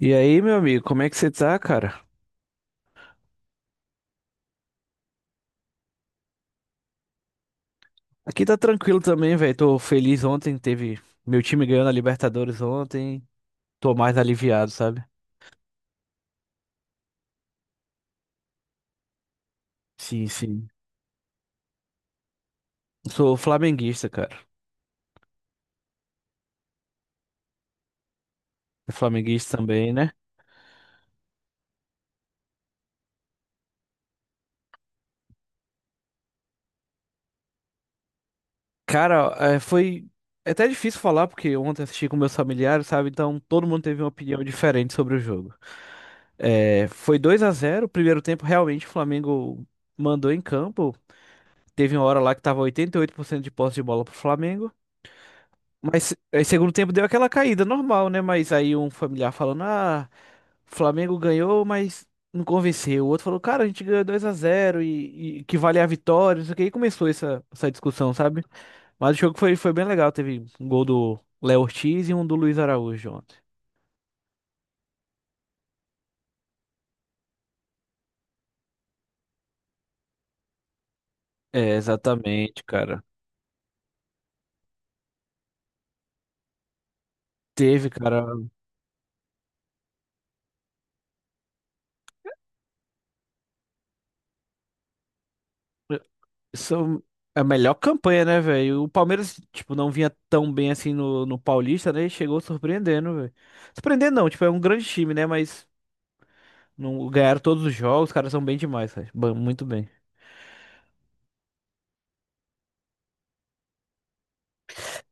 E aí, meu amigo, como é que você tá, cara? Aqui tá tranquilo também, velho. Tô feliz. Ontem teve meu time ganhando a Libertadores ontem. Tô mais aliviado, sabe? Sim, sim. Sou flamenguista, cara. É flamenguista também, né? Cara, é, foi é até difícil falar porque ontem assisti com meus familiares, sabe? Então todo mundo teve uma opinião diferente sobre o jogo. É, foi 2-0. O primeiro tempo realmente o Flamengo mandou em campo. Teve uma hora lá que tava 88% de posse de bola pro Flamengo. Mas aí segundo tempo deu aquela caída normal, né? Mas aí um familiar falando, ah, Flamengo ganhou, mas não convenceu. O outro falou, cara, a gente ganhou 2-0 e que vale a vitória, não sei o que. E começou essa discussão, sabe? Mas o jogo foi bem legal. Teve um gol do Léo Ortiz e um do Luiz Araújo ontem. É, exatamente, cara. Teve, cara. São É a melhor campanha, né, velho? O Palmeiras, tipo, não vinha tão bem assim no Paulista, né? E chegou surpreendendo, velho. Surpreendendo não, tipo, é um grande time, né? Mas não, ganharam todos os jogos, os caras são bem demais, cara. Muito bem.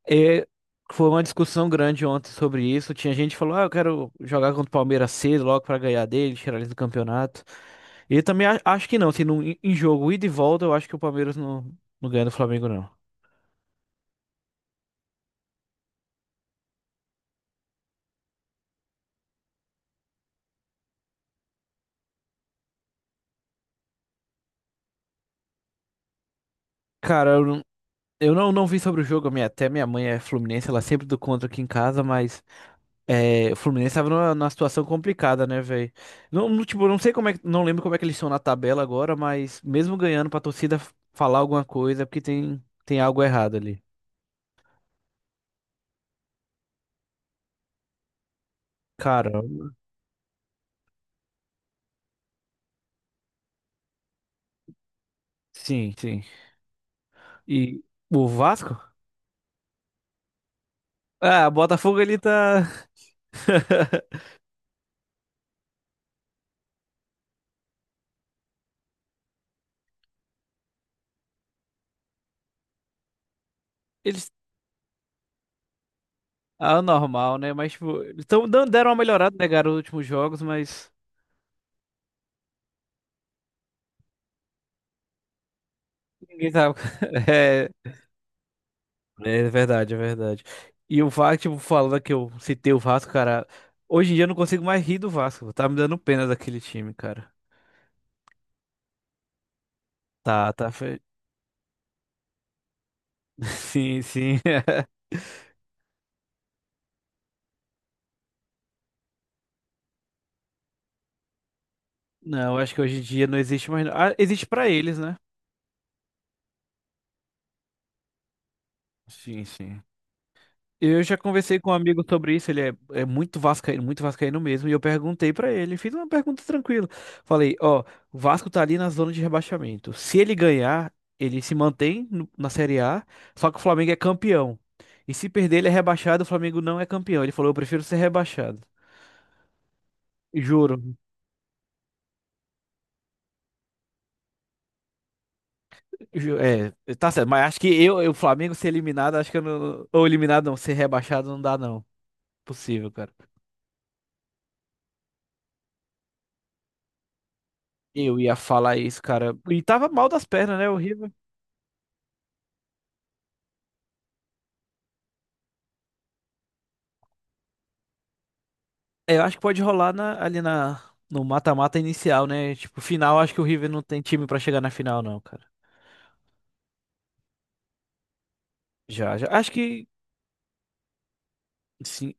E foi uma discussão grande ontem sobre isso. Tinha gente que falou, ah, eu quero jogar contra o Palmeiras cedo, logo pra ganhar dele, tirar eles do campeonato. E eu também acho que não, assim, em jogo ida e volta, eu acho que o Palmeiras não ganha do Flamengo, não. Cara, eu não, não vi sobre o jogo, até minha mãe é fluminense, ela sempre do contra aqui em casa, mas é, o Fluminense tava numa situação complicada, né, velho? Não, não, tipo, não sei como é, não lembro como é que eles estão na tabela agora, mas mesmo ganhando pra torcida falar alguma coisa, é porque tem algo errado ali. Cara, sim, sim. E o Vasco? Ah, o Botafogo ele tá. Eles. Ah, normal, né? Mas, tipo, eles tão, deram uma melhorada, né, cara, nos últimos jogos, mas ninguém sabe. Né? É verdade, é verdade. E o Vasco, tipo, falando que eu citei o Vasco, cara, hoje em dia eu não consigo mais rir do Vasco. Tá me dando pena daquele time, cara. Tá, tá. Sim, sim. Não, acho que hoje em dia não existe mais, não. Ah, existe pra eles, né? Sim, sim. Eu já conversei com um amigo sobre isso, ele é muito vascaíno mesmo, e eu perguntei pra ele, fiz uma pergunta tranquila. Falei, ó, o Vasco tá ali na zona de rebaixamento. Se ele ganhar, ele se mantém na Série A, só que o Flamengo é campeão. E se perder, ele é rebaixado, o Flamengo não é campeão. Ele falou, eu prefiro ser rebaixado. Juro. É, tá certo, mas acho que o Flamengo ser eliminado, acho que eu não, ou eliminado não, ser rebaixado não dá não. Possível, cara. Eu ia falar isso, cara. E tava mal das pernas, né? Horrível. É, eu acho que pode rolar no mata-mata inicial, né? Tipo, final, acho que o River não tem time pra chegar na final, não, cara. Já, já. Acho que, sim,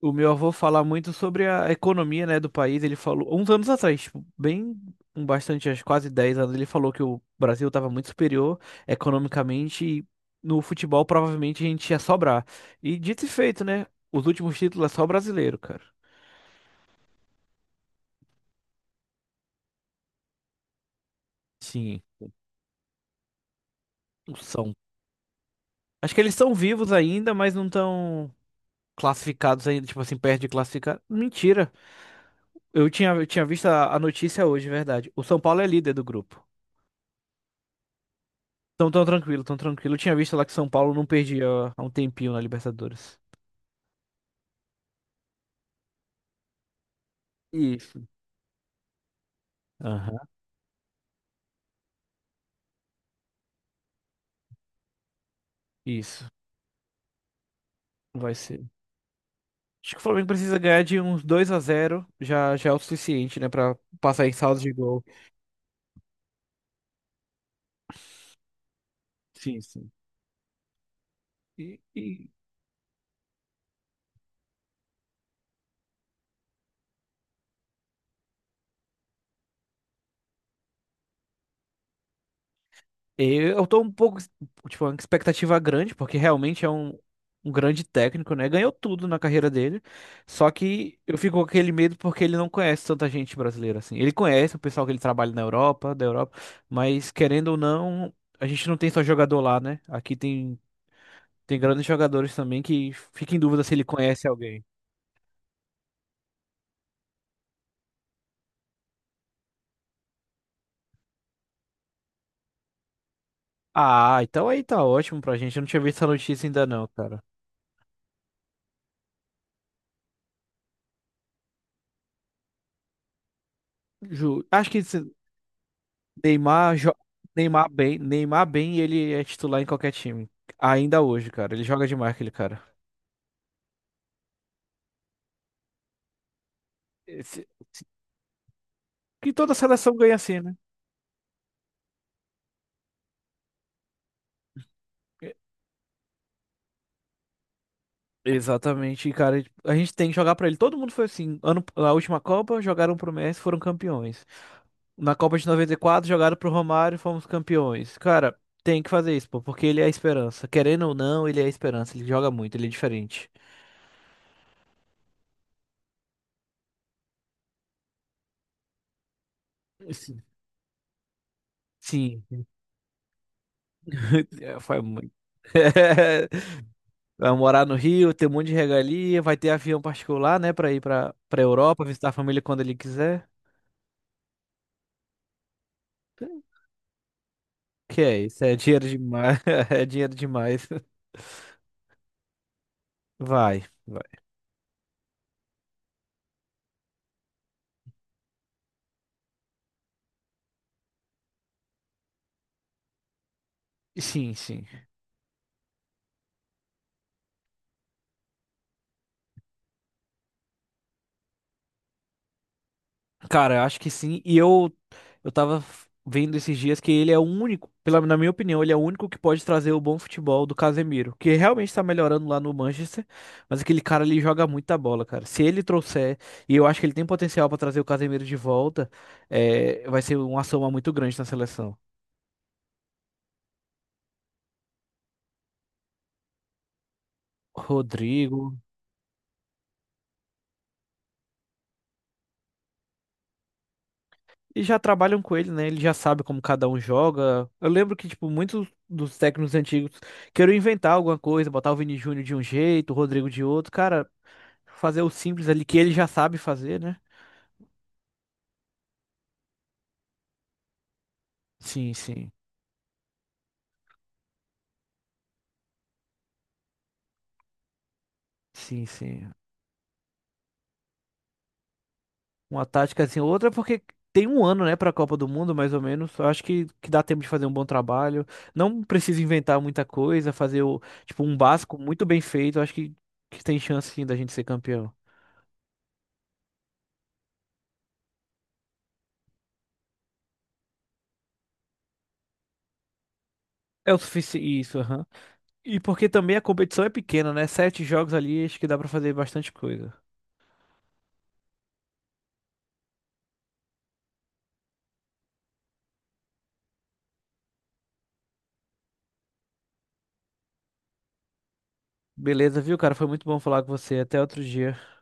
o meu avô fala muito sobre a economia, né, do país. Ele falou, uns anos atrás, tipo, bem, um bastante, acho que quase 10 anos, ele falou que o Brasil estava muito superior economicamente e no futebol provavelmente a gente ia sobrar. E dito e feito, né? Os últimos títulos é só brasileiro, cara. Sim, são. Acho que eles são vivos ainda, mas não estão classificados ainda, tipo assim, perto de classificar. Mentira. Eu tinha visto a notícia hoje, é verdade. O São Paulo é líder do grupo. Então, tão tranquilo, tão tranquilo. Eu tinha visto lá que São Paulo não perdia há um tempinho na Libertadores. Isso. Aham. Isso. Vai ser. Acho que o Flamengo precisa ganhar de uns 2-0 já já é o suficiente, né, pra passar em saldo de gol. Sim, sim. E, e eu tô um pouco, tipo, uma expectativa grande, porque realmente é um grande técnico, né? Ganhou tudo na carreira dele. Só que eu fico com aquele medo porque ele não conhece tanta gente brasileira, assim. Ele conhece o pessoal que ele trabalha na Europa, da Europa, mas querendo ou não, a gente não tem só jogador lá, né? Aqui tem grandes jogadores também que fica em dúvida se ele conhece alguém. Ah, então aí tá ótimo pra gente. Eu não tinha visto essa notícia ainda não, cara. Acho que Neymar, jo- Neymar bem, ele é titular em qualquer time. Ainda hoje, cara. Ele joga demais, aquele cara. Esse- Que toda seleção ganha assim, né? E- Exatamente, e, cara. A gente tem que jogar pra ele. Todo mundo foi assim. Ano, na última Copa, jogaram pro Messi, foram campeões. Na Copa de 94, jogaram pro Romário, fomos campeões. Cara, tem que fazer isso, pô, porque ele é a esperança. Querendo ou não, ele é a esperança. Ele joga muito, ele é diferente. Esse- Sim. É, foi muito. Vai morar no Rio, ter um monte de regalia, vai ter avião particular, né, pra ir pra Europa, visitar a família quando ele quiser. Que é isso? É dinheiro demais. É dinheiro demais. Vai, vai. Sim, sim. Cara, eu acho que sim. E eu tava vendo esses dias que ele é o único, pela, na minha opinião, ele é o único que pode trazer o bom futebol do Casemiro, que realmente tá melhorando lá no Manchester, mas aquele cara ali joga muita bola, cara. Se ele trouxer, e eu acho que ele tem potencial pra trazer o Casemiro de volta, é, vai ser uma soma muito grande na seleção. Rodrigo. E já trabalham com ele, né? Ele já sabe como cada um joga. Eu lembro que, tipo, muitos dos técnicos antigos queriam inventar alguma coisa, botar o Vini Júnior de um jeito, o Rodrigo de outro. Cara, fazer o simples ali que ele já sabe fazer, né? Sim, sim. Sim, sim. Uma tática assim, outra porque tem um ano, né, pra Copa do Mundo, mais ou menos. Eu acho que dá tempo de fazer um bom trabalho. Não precisa inventar muita coisa, fazer o, tipo, um básico muito bem feito. Eu acho que tem chance sim da gente ser campeão. É o suficiente isso, aham. E porque também a competição é pequena, né? Sete jogos ali, acho que dá pra fazer bastante coisa. Beleza, viu, cara? Foi muito bom falar com você. Até outro dia.